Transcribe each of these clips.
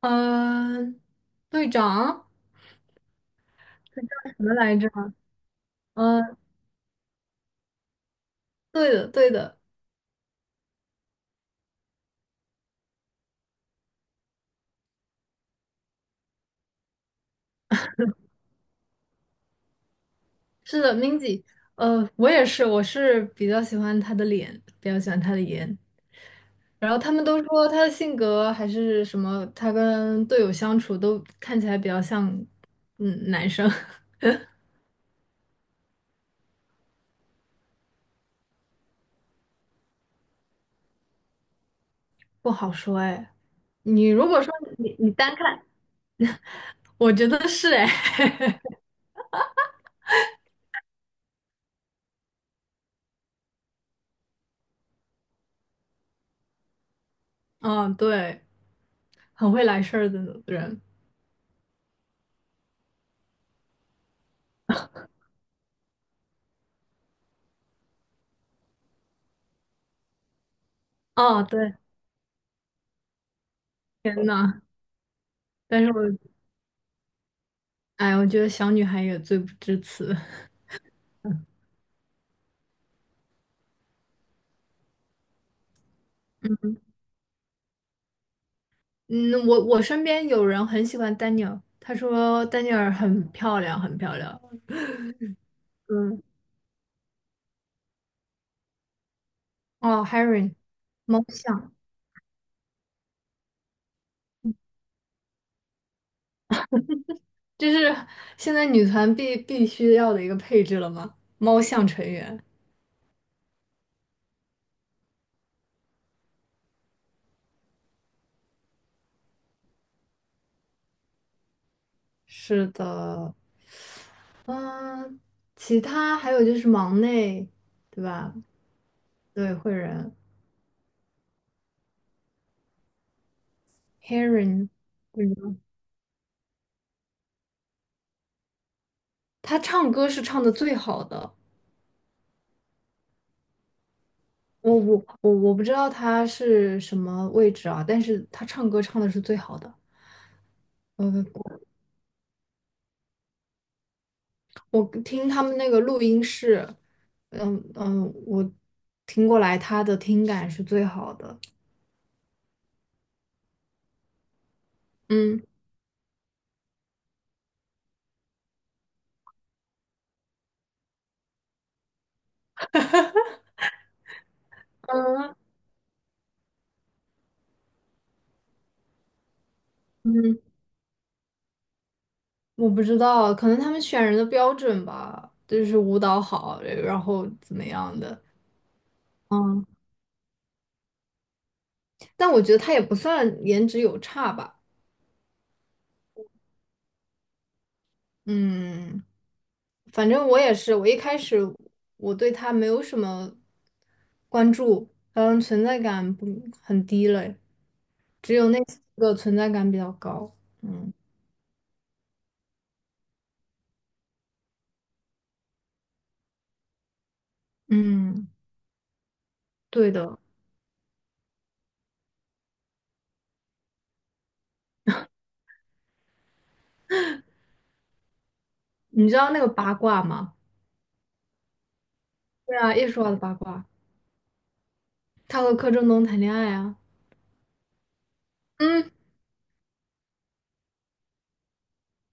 嗯、队长什么来着？嗯、对的，对的。是的，Minzy。我也是，我是比较喜欢他的脸，比较喜欢他的颜。然后他们都说他的性格还是什么，他跟队友相处都看起来比较像，嗯，男生。不好说哎，你如果说你单看，我觉得是哎，嗯，对，很会来事儿的人。哦，对，天呐，但是我哎，我觉得小女孩也罪不至此。嗯，我身边有人很喜欢丹尼尔，他说丹尼尔很漂亮，很漂亮。嗯。哦，Harry 猫像，这是现在女团必须要的一个配置了吗？猫像成员。是的，嗯，其他还有就是忙内，对吧？对，会人 Harry，他唱歌是唱的最好的。我不知道他是什么位置啊，但是他唱歌唱的是最好的。呃，我听他们那个录音室，嗯嗯，我听过来他的听感是最好的。嗯嗯，嗯，我不知道，可能他们选人的标准吧，就是舞蹈好，然后怎么样的。嗯，但我觉得他也不算颜值有差吧。嗯。反正我也是，我一开始我对他没有什么关注，嗯，存在感不很低了，只有那四个存在感比较高。嗯嗯，对的。你知道那个八卦吗？对啊，叶舒华的八卦，他和柯震东谈恋爱啊。嗯，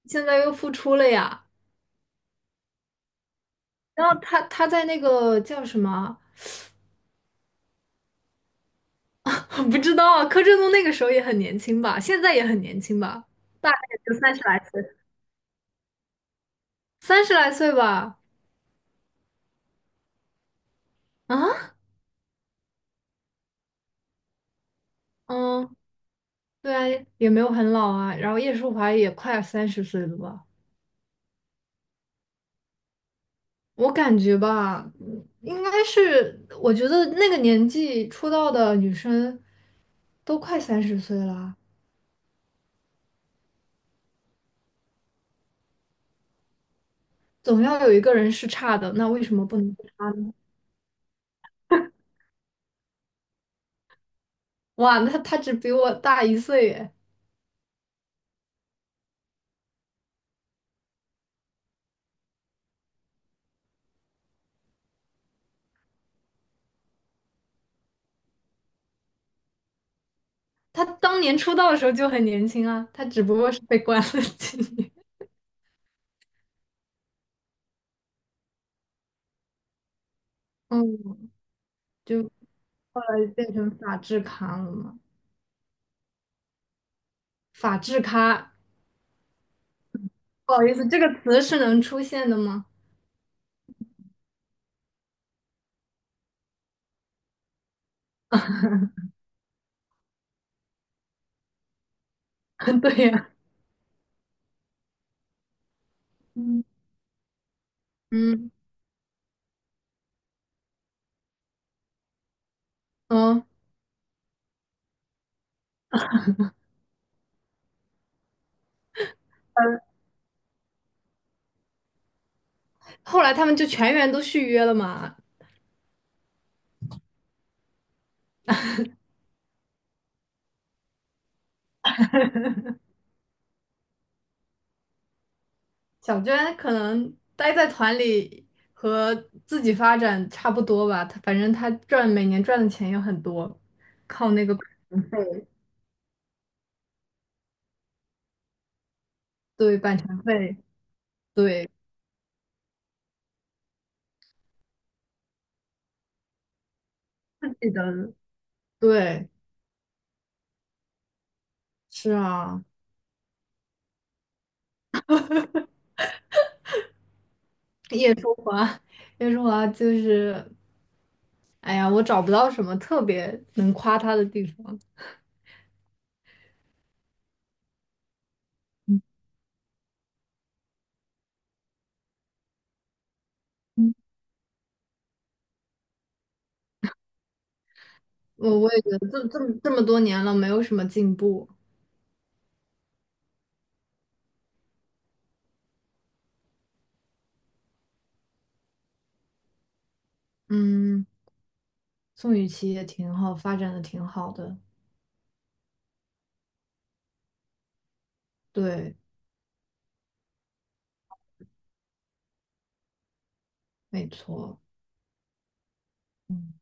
现在又复出了呀。然后他在那个叫什么？不知道啊，柯震东那个时候也很年轻吧，现在也很年轻吧，大概也就三十来岁，三十来岁吧。啊？嗯，对啊，也没有很老啊。然后叶舒华也快三十岁了吧？我感觉吧，嗯应该是，我觉得那个年纪出道的女生都快三十岁了啊。总要有一个人是差的。那为什么不能？哇，那她只比我大一岁耶！她当年出道的时候就很年轻啊，她只不过是被关了几年。嗯，就后来变成法制咖了嘛？法制咖。不好意思，这个词是能出现的吗？对呀、嗯嗯嗯，后来他们就全员都续约了嘛。小娟可能待在团里和自己发展差不多吧，她反正她赚每年赚的钱也很多，靠那个对版权费，对自己的，对，是啊。叶舒华，叶舒华就是，哎呀，我找不到什么特别能夸她的地方。嗯，我也觉得这么多年了，没有什么进步。嗯。宋雨琦也挺好，发展的挺好的。对，没错。嗯，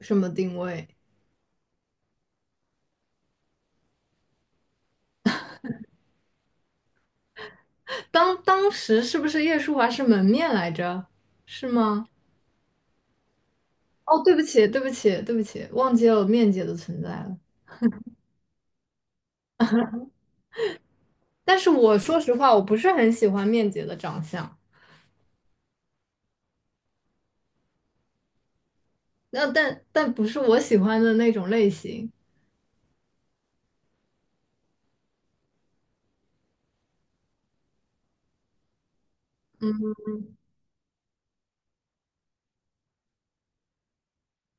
什么定位？当时是不是叶舒华是门面来着？是吗？哦，对不起，对不起，对不起，忘记了有面姐的存在了。但是我说实话，我不是很喜欢面姐的长相，但不是我喜欢的那种类型。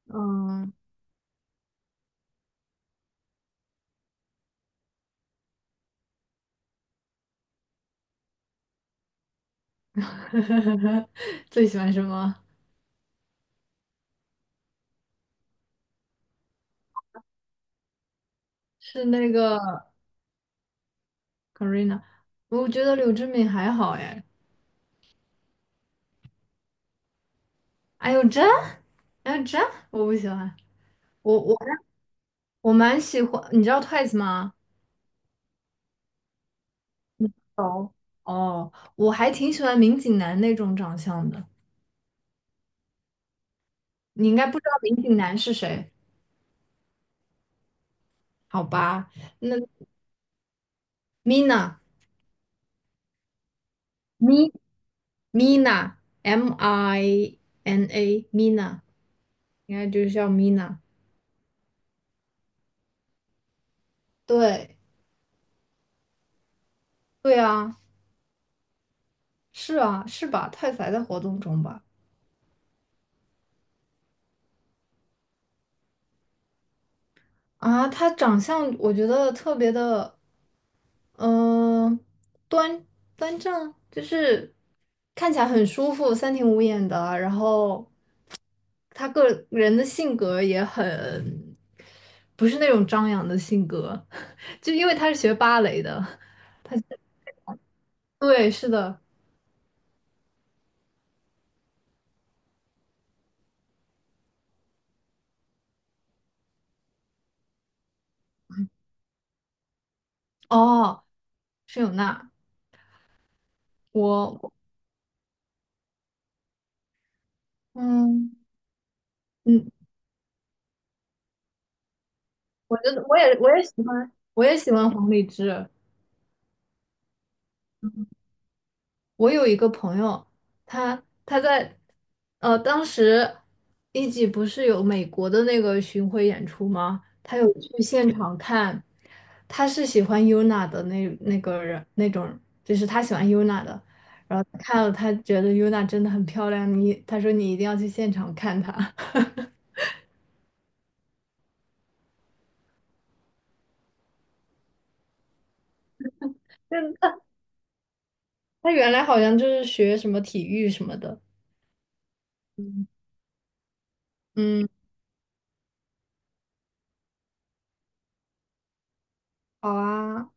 嗯，最喜欢什么？是那个 Karina，我觉得柳智敏还好哎。哎呦这，哎呦这，我不喜欢。我我我蛮喜欢，你知道 Twice 吗？哦，哦，我还挺喜欢民警男那种长相的。你应该不知道民警男是谁，好吧？那 Mina Mi Mina M I N A Mina 应该就是叫 Mina。对。对啊，是啊是吧？太宰在活动中吧？啊，他长相我觉得特别的。嗯、端端正，就是看起来很舒服，三庭五眼的。然后他个人的性格也很，不是那种张扬的性格，就因为他是学芭蕾的。对，是的。哦，是有娜，我，嗯嗯，我觉得我也喜欢，我也喜欢黄丽枝。我有一个朋友，他在当时一级不是有美国的那个巡回演出吗？他有去现场看，他是喜欢 Yuna 的那个人那种，就是他喜欢 Yuna 的，然后看了他觉得 Yuna 真的很漂亮，你他说你一定要去现场看她。真的，他原来好像就是学什么体育什么的。嗯，好啊。